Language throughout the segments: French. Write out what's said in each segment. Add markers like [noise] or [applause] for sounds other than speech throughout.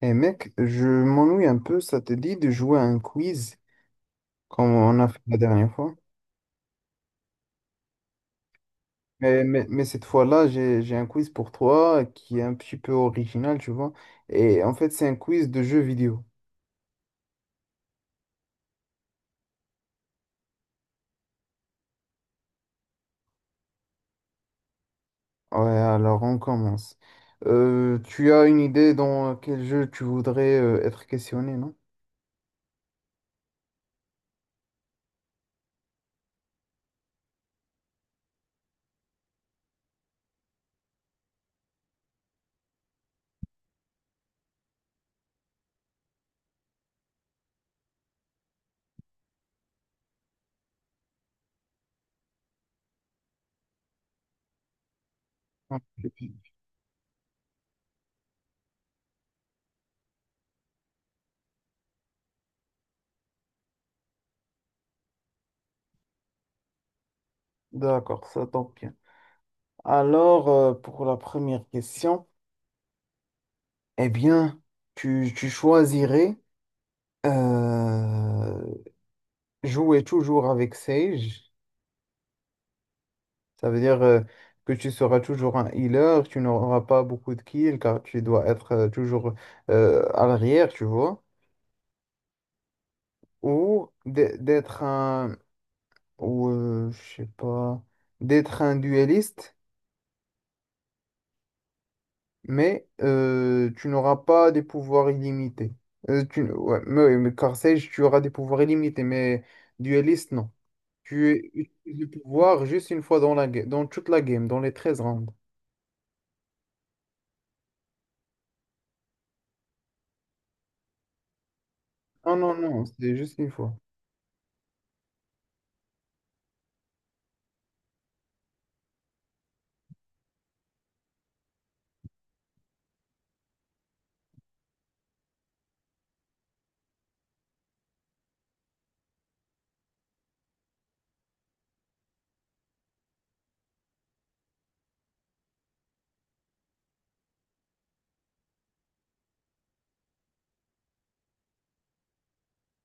Eh mec, je m'ennuie un peu, ça te dit de jouer à un quiz comme on a fait la dernière fois. Mais cette fois-là, j'ai un quiz pour toi qui est un petit peu original, tu vois. Et en fait, c'est un quiz de jeux vidéo. Ouais, alors on commence. Tu as une idée dans quel jeu tu voudrais être questionné, non? Ok. D'accord, ça tombe bien. Alors, pour la première question, eh bien, tu choisirais euh, jouer toujours avec Sage, ça veut dire que tu seras toujours un healer, tu n'auras pas beaucoup de kills car tu dois être toujours à l'arrière, tu vois. Ou d'être un, ou je sais pas, d'être un dueliste, mais tu n'auras pas des pouvoirs illimités. Ouais, mais, oui, mais car Sage, tu auras des pouvoirs illimités, mais dueliste, non. Tu utilises le pouvoir juste une fois dans dans toute la game, dans les 13 rounds. Non, non, non, c'est juste une fois.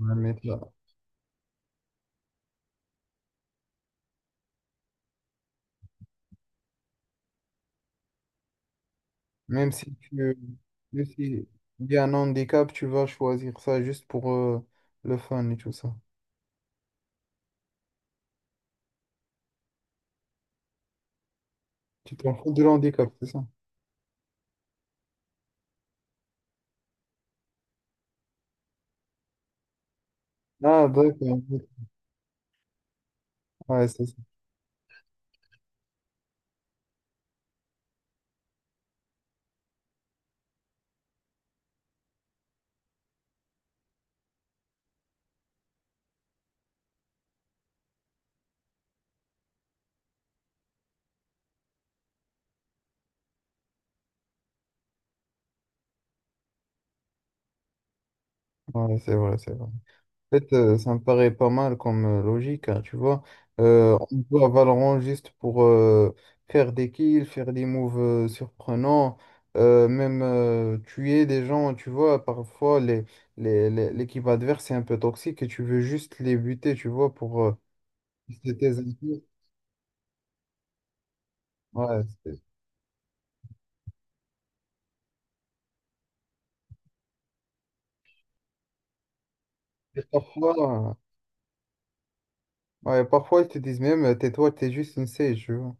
On va mettre là. Même si tu, Même si il y a un handicap, tu vas choisir ça juste pour le fun et tout ça. Tu t'en fous de l'handicap, c'est ça? Ah, d'accord. Ouais, c'est ça. Ouais, c'est vrai, c'est vrai. En fait, ça me paraît pas mal comme logique, hein, tu vois. On joue à Valorant juste pour faire des kills, faire des moves surprenants, même tuer des gens, tu vois. Parfois, l'équipe adverse est un peu toxique et tu veux juste les buter, tu vois, pour tester tes infos. Ouais, c'est- et parfois, ouais, parfois, ils te disent même, tais-toi, t'es juste une sage, tu vois.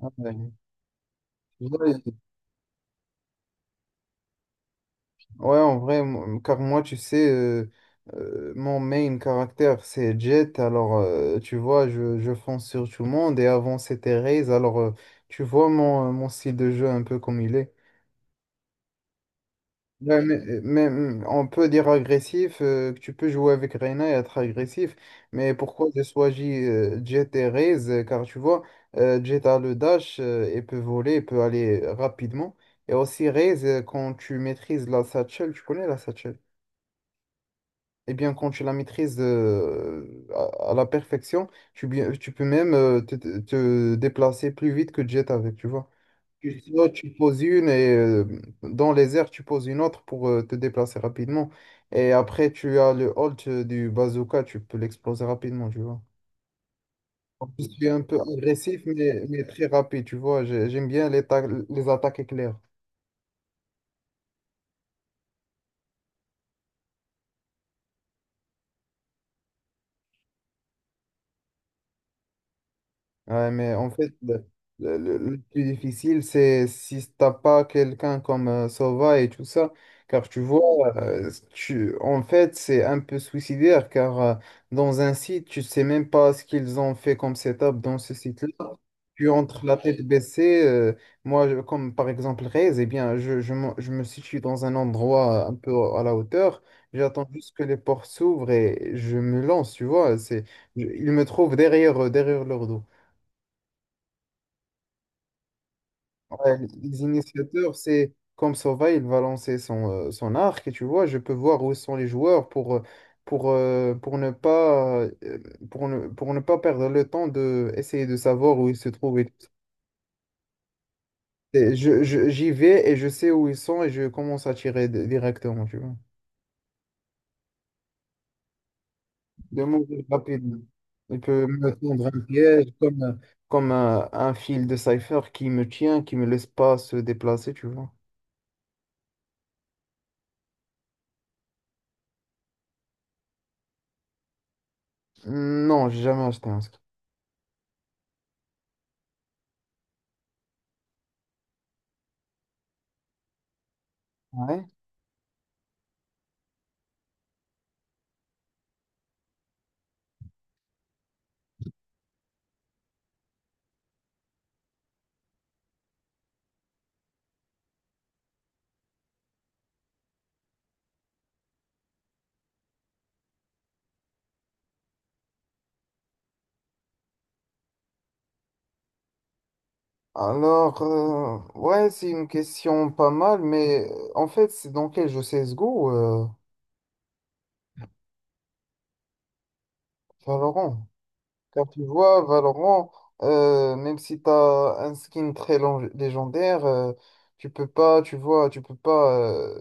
Ouais. Tu vois, ouais, en vrai, car moi, tu sais, mon main caractère, c'est Jet. Alors, tu vois, je fonce sur tout le monde. Et avant, c'était Raze. Alors, tu vois mon style de jeu un peu comme il est. Ouais, on peut dire agressif, que tu peux jouer avec Reyna et être agressif. Mais pourquoi j'ai choisi Jet et Raze? Car tu vois, Jet a le dash et peut voler, et peut aller rapidement. Et aussi Raze, quand tu maîtrises la satchel, tu connais la satchel? Eh bien, quand tu la maîtrises à la perfection, tu peux même te déplacer plus vite que Jet avec, tu vois. Tu sautes, tu poses une et dans les airs, tu poses une autre pour te déplacer rapidement. Et après, tu as le hold du bazooka, tu peux l'exploser rapidement, tu vois. Je suis un peu agressif, mais très rapide, tu vois. J'aime bien les attaques éclair. Ouais, mais en fait, le plus difficile, c'est si t'as pas quelqu'un comme Sova et tout ça, car tu vois, en fait, c'est un peu suicidaire, car dans un site, tu sais même pas ce qu'ils ont fait comme setup dans ce site-là. Tu entres la tête baissée, moi, comme par exemple Rez, eh bien, je me situe dans un endroit un peu à la hauteur, j'attends juste que les portes s'ouvrent et je me lance, tu vois, ils me trouvent derrière, derrière leur dos. Ouais, les initiateurs, c'est comme Sova, il va lancer son arc, et tu vois, je peux voir où sont les joueurs pour, euh, pour ne pas, euh, pour ne pas perdre le temps de essayer de savoir où ils se trouvent. Et tout. Et j'y vais et je sais où ils sont et je commence à tirer directement, tu vois. De mourir rapidement. Il peut me tendre un piège comme un fil de cipher qui me tient, qui me laisse pas se déplacer, tu vois. Non, j'ai jamais acheté un script. Ouais. Alors, ouais, c'est une question pas mal, mais en fait, c'est dans quel jeu CSGO, Valorant? Car tu vois, Valorant, même si tu as un skin très légendaire, tu peux pas, tu vois, tu peux pas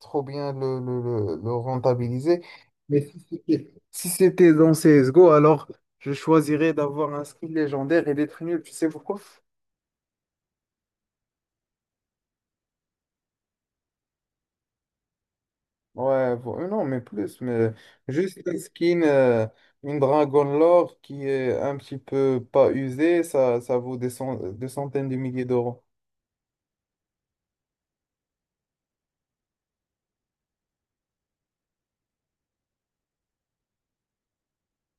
trop bien le rentabiliser. Mais si c'était dans CSGO, alors je choisirais d'avoir un skin légendaire et d'être nul. Tu sais pourquoi? Non, mais plus, mais juste une skin, une Dragon Lore qui est un petit peu pas usée, ça vaut des centaines de milliers d'euros.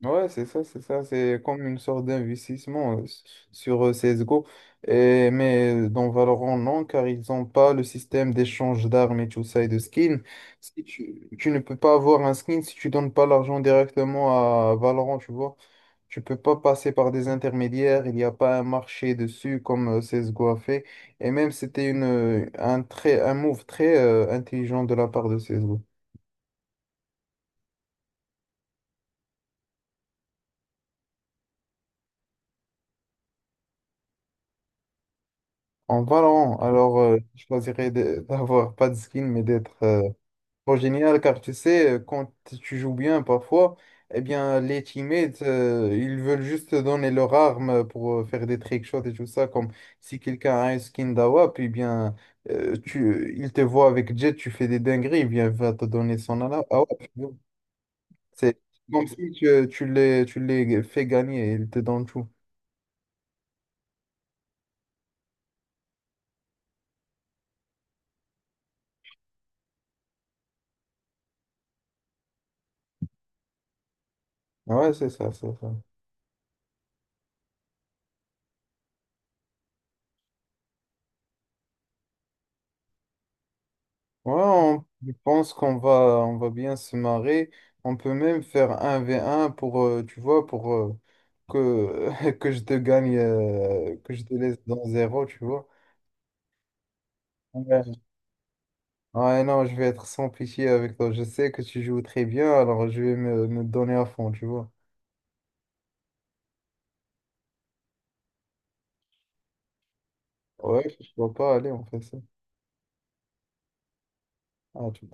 Ouais, c'est ça, c'est ça. C'est comme une sorte d'investissement sur CSGO. Et, mais dans Valorant, non, car ils n'ont pas le système d'échange d'armes et tout ça et de skins. Si tu ne peux pas avoir un skin si tu donnes pas l'argent directement à Valorant, tu vois. Tu peux pas passer par des intermédiaires, il n'y a pas un marché dessus comme CSGO a fait. Et même, c'était un move très intelligent de la part de CSGO. En Valorant, alors je choisirais [laughs] d'avoir pas de skin mais d'être trop génial car tu sais, quand tu joues bien parfois, eh bien les teammates ils veulent juste te donner leur arme pour faire des trickshots et tout ça. Comme si quelqu'un a un skin d'AWAP, eh bien il te voit avec Jet, tu fais des dingueries, eh bien il va te donner son AWAP. C'est comme si tu les fais gagner, il te donne tout. Ah, ouais, c'est ça, c'est ça. Ouais, je pense qu'on va bien se marrer. On peut même faire un v un tu vois, pour [laughs] que je te gagne, que je te laisse dans zéro, tu vois. Ouais. Ouais, non, je vais être sans pitié avec toi. Je sais que tu joues très bien, alors je vais me donner à fond, tu vois. Ouais, je vois pas, allez, on fait ça. Ah, tu